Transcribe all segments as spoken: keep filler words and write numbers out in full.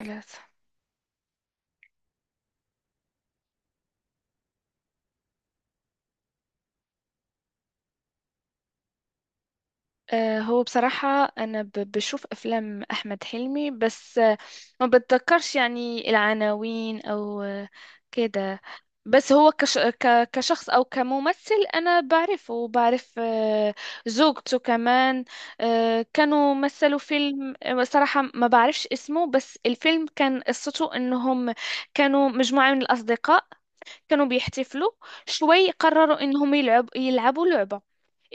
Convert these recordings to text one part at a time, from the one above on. ثلاثة. آه، هو بصراحة أنا ب- بشوف أفلام أحمد حلمي بس آه، ما بتذكرش يعني العناوين أو آه، كده. بس هو كش ك- كشخص أو كممثل أنا بعرفه وبعرف آه، زوجته كمان. آه، كانوا مثلوا فيلم، آه، صراحة ما بعرفش اسمه، بس الفيلم كان قصته إنهم كانوا مجموعة من الأصدقاء، كانوا بيحتفلوا. شوي قرروا إنهم يلعب يلعبوا لعبة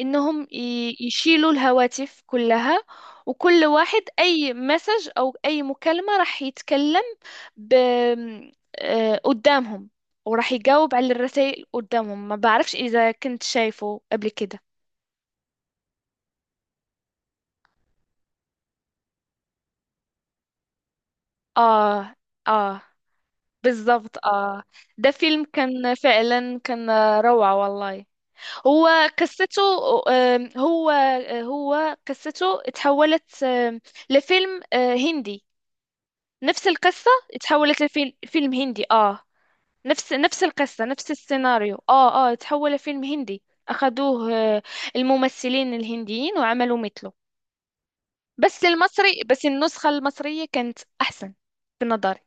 انهم ي- يشيلوا الهواتف كلها، وكل واحد اي مسج او اي مكالمة راح يتكلم ب... آه، قدامهم، وراح يجاوب على الرسائل قدامهم. ما بعرفش اذا كنت شايفه قبل كده. اه اه بالضبط اه. ده فيلم كان فعلا كان روعة والله. هو قصته، آم، هو آه، هو قصته تحولت آم، لفيلم آه، هندي. نفس القصة اتحولت لفيلم فيلم هندي اه. نفس نفس القصة نفس السيناريو اه اه اتحول لفيلم هندي. أخدوه آه، الممثلين الهنديين وعملوا مثله. بس المصري بس النسخة المصرية كانت أحسن في نظري.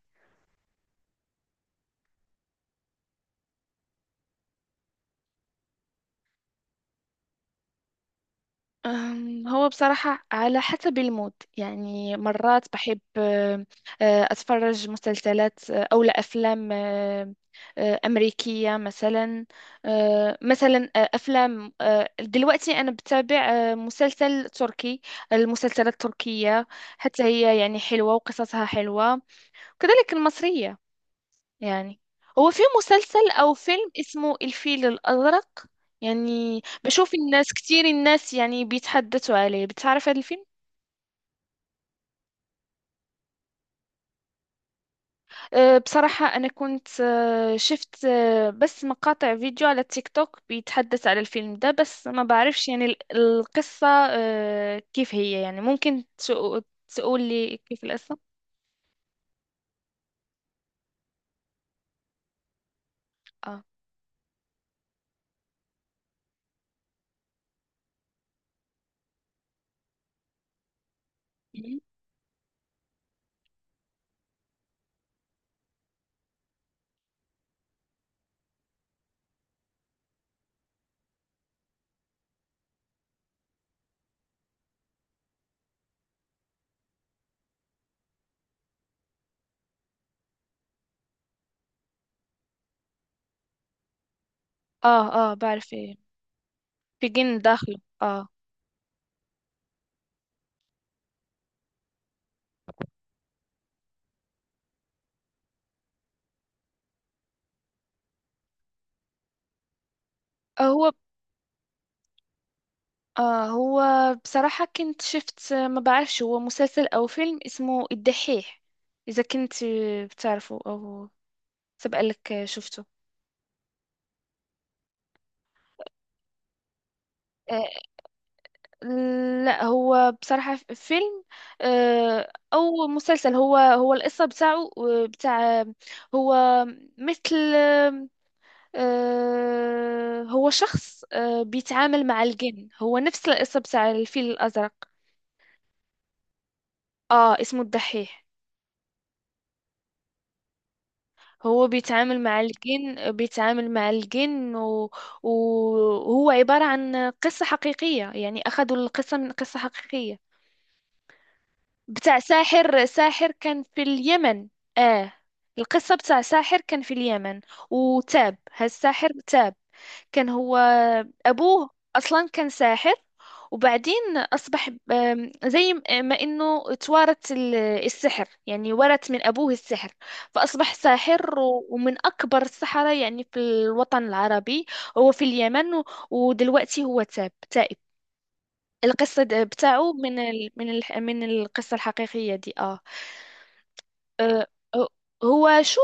أم، هو بصراحة على حسب المود، يعني مرات بحب آه، آه، أتفرج مسلسلات آه، أو لا أفلام آه، آه، أمريكية مثلا. آه، مثلا آه، أفلام آه، دلوقتي أنا بتابع آه، مسلسل تركي. المسلسلات التركية حتى هي يعني حلوة وقصصها حلوة، وكذلك المصرية يعني. هو في مسلسل او فيلم اسمه الفيل الازرق، يعني بشوف الناس كتير، الناس يعني بيتحدثوا عليه. بتعرف هذا الفيلم؟ أه بصراحة أنا كنت أه شفت أه بس مقاطع فيديو على التيك توك بيتحدث على الفيلم ده، بس ما بعرفش يعني ال- القصة أه كيف هي. يعني ممكن تقو- تقول لي كيف القصة؟ اه مهم. اه اه بعرف ايه، بيجن داخله اه. هو آه هو بصراحة كنت شفت، ما بعرفش هو مسلسل أو فيلم، اسمه الدحيح. إذا كنت بتعرفه أو سبق لك شفته؟ آه لا، هو بصراحة فيلم آه أو مسلسل. هو هو القصة بتاعه آه، بتاع هو مثل آه هو شخص آه بيتعامل مع الجن، هو نفس القصة بتاع الفيل الأزرق. آه اسمه الدحيح. هو بيتعامل مع الجن، بيتعامل مع الجن و... و- وهو عبارة عن قصة حقيقية. يعني أخذوا القصة من قصة حقيقية بتاع ساحر ساحر كان في اليمن. آه القصة بتاع ساحر كان في اليمن، وتاب هالساحر، تاب. كان هو أبوه أصلا كان ساحر، وبعدين أصبح، آم، زي ما إنه توارث ال- السحر، يعني ورث من أبوه السحر، فأصبح ساحر و- ومن أكبر السحرة يعني في الوطن العربي. هو في اليمن و- ودلوقتي هو تاب، تائب. القصة د- بتاعه من ال من ال من القصة الحقيقية دي آه. آه، آه، هو شو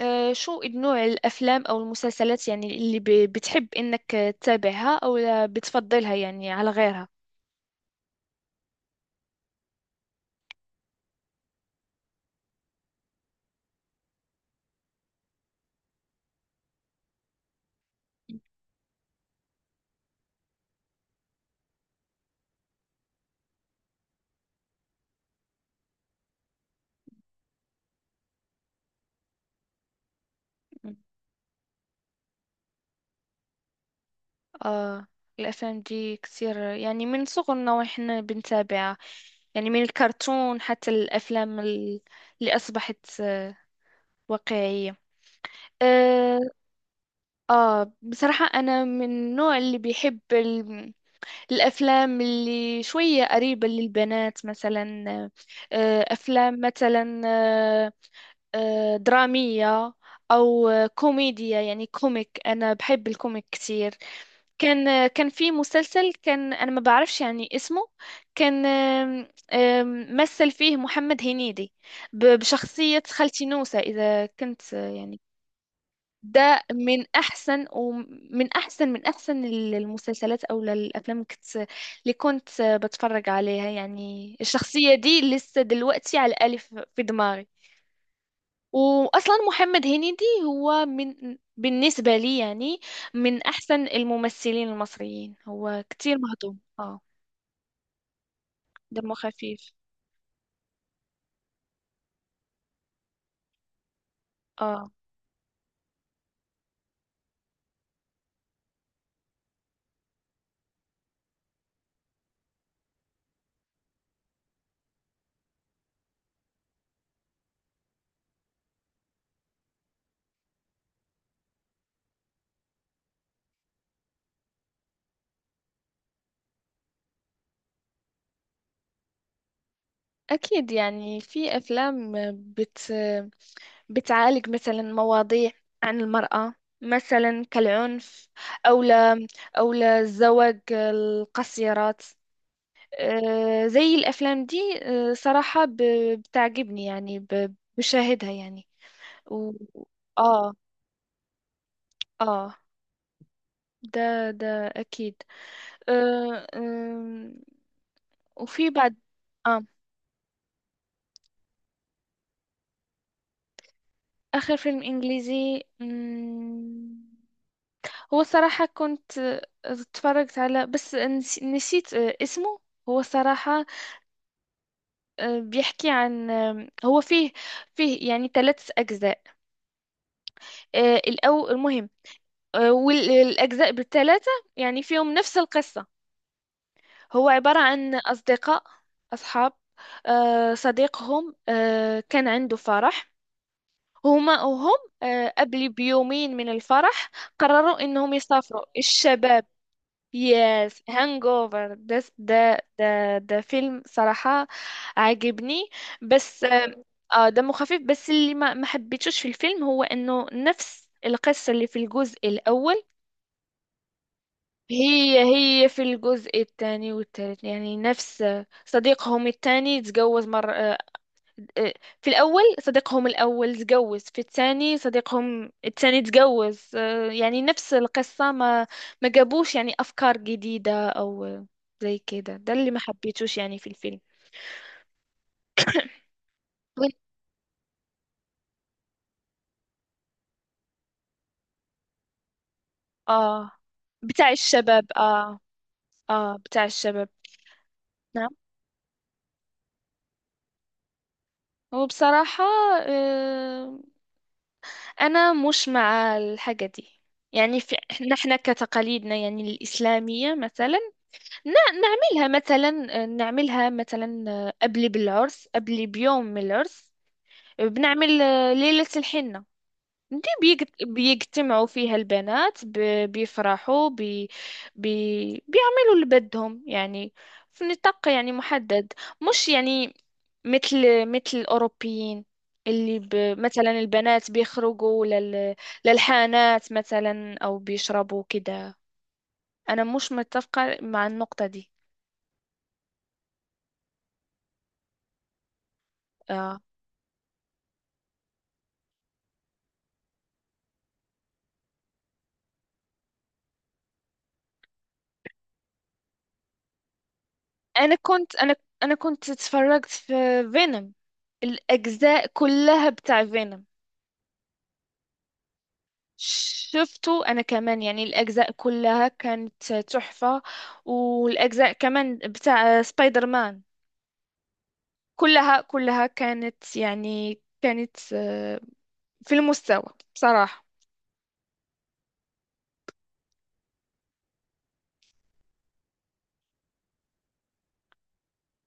آه، شو نوع الأفلام أو المسلسلات يعني اللي ب- بتحب إنك تتابعها أو لا بتفضلها يعني على غيرها؟ مم. آه الأفلام دي كتير يعني، من صغرنا وإحنا بنتابعها، يعني من الكرتون حتى الأفلام ال- اللي أصبحت آه، واقعية آه. آه بصراحة أنا من النوع اللي بيحب الأفلام اللي شوية قريبة للبنات مثلا. آه، أفلام مثلا آه، آه، درامية أو آه، كوميديا، يعني كوميك. أنا بحب الكوميك كتير. كان آه، كان في مسلسل، كان أنا ما بعرفش يعني اسمه، كان آم، آم، مثل فيه محمد هنيدي ب- بشخصية خالتي نوسة، إذا كنت آه، يعني. ده من احسن ومن احسن من احسن المسلسلات او الافلام اللي كنت اللي كنت بتفرج عليها. يعني الشخصيه دي لسه دلوقتي على الالف في دماغي. واصلا محمد هنيدي هو من بالنسبه لي يعني من احسن الممثلين المصريين، هو كتير مهضوم اه، دمه خفيف اه. اكيد يعني في افلام بت بتعالج مثلا مواضيع عن المرأة، مثلا كالعنف أو ل أو للزواج القصيرات. آه، زي الأفلام دي، آه، صراحة ب- بتعجبني يعني، ب- بشاهدها يعني و... آه آه ده ده أكيد. آه، آم، وفي بعد آه آخر فيلم إنجليزي، مم، هو صراحة كنت آه، اتفرجت على، بس نس- نسيت آه، اسمه. هو صراحة آه، بيحكي عن آم، هو فيه فيه يعني ثلاث أجزاء. آه، الأول المهم آه، والأجزاء بالثلاثة يعني فيهم نفس القصة. هو عبارة عن أصدقاء، أصحاب، آه، صديقهم آه، كان عنده فرح. هما وهم آه، قبل بيومين من الفرح قرروا إنهم يسافروا الشباب. يس هانج اوفر، ده ده ده ده فيلم صراحة عاجبني، بس اه آه، دمه خفيف. بس اللي ما ما حبيتوش في الفيلم هو انه نفس القصة اللي في الجزء الاول، هي هي في الجزء الثاني والثالث، يعني نفس صديقهم الثاني تزوج مرة. آه، في الأول صديقهم الأول تجوز، في الثاني صديقهم الثاني تجوز، آه، يعني نفس القصة. ما ما جابوش يعني أفكار جديدة أو زي كده، ده اللي ما حبيتوش يعني في الفيلم. وين- آه بتاع الشباب آه، آه بتاع الشباب. نعم وبصراحة آه، أنا مش مع الحاجة دي يعني. في نحن كتقاليدنا يعني الإسلامية مثلا، ن- نعملها مثلا، نعملها مثلا قبل بالعرس، قبل بيوم من العرس بنعمل آه، ليلة الحنة. دي بيجت- بيجتمعوا فيها البنات ب- بيفرحوا بي بي بيعملوا اللي بدهم، يعني في نطاق يعني محدد، مش يعني مثل مثل الأوروبيين اللي ب مثلا البنات بيخرجوا لل للحانات مثلا أو بيشربوا كده. أنا مش متفقة مع النقطة دي آه. انا كنت انا انا كنت اتفرجت في فينوم، الاجزاء كلها بتاع فينوم. شفته انا كمان، يعني الاجزاء كلها كانت تحفة، والاجزاء كمان بتاع سبايدر مان، كلها كلها كانت يعني كانت آه، في المستوى بصراحة.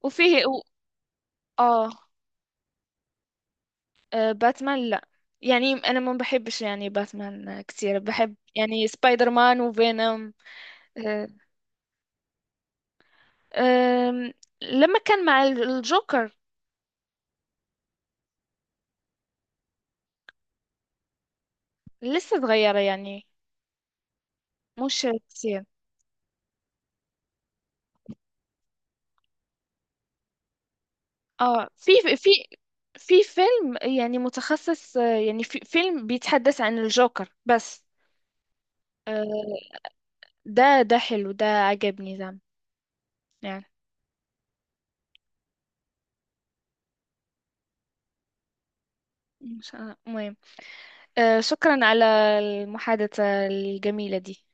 وفيه و... اه آه، باتمان لا، يعني انا ما بحبش يعني باتمان كثير. بحب يعني سبايدر مان وفينوم. أم، لما كان مع ال- الجوكر، لسه صغيرة يعني، مش كتير. اه في في في فيلم يعني متخصص آه، يعني في فيلم بيتحدث عن الجوكر بس. آه، ده ده حلو، ده عجبني ده يعني. مش- آه، المهم، آه، شكرا على المحادثة الجميلة دي.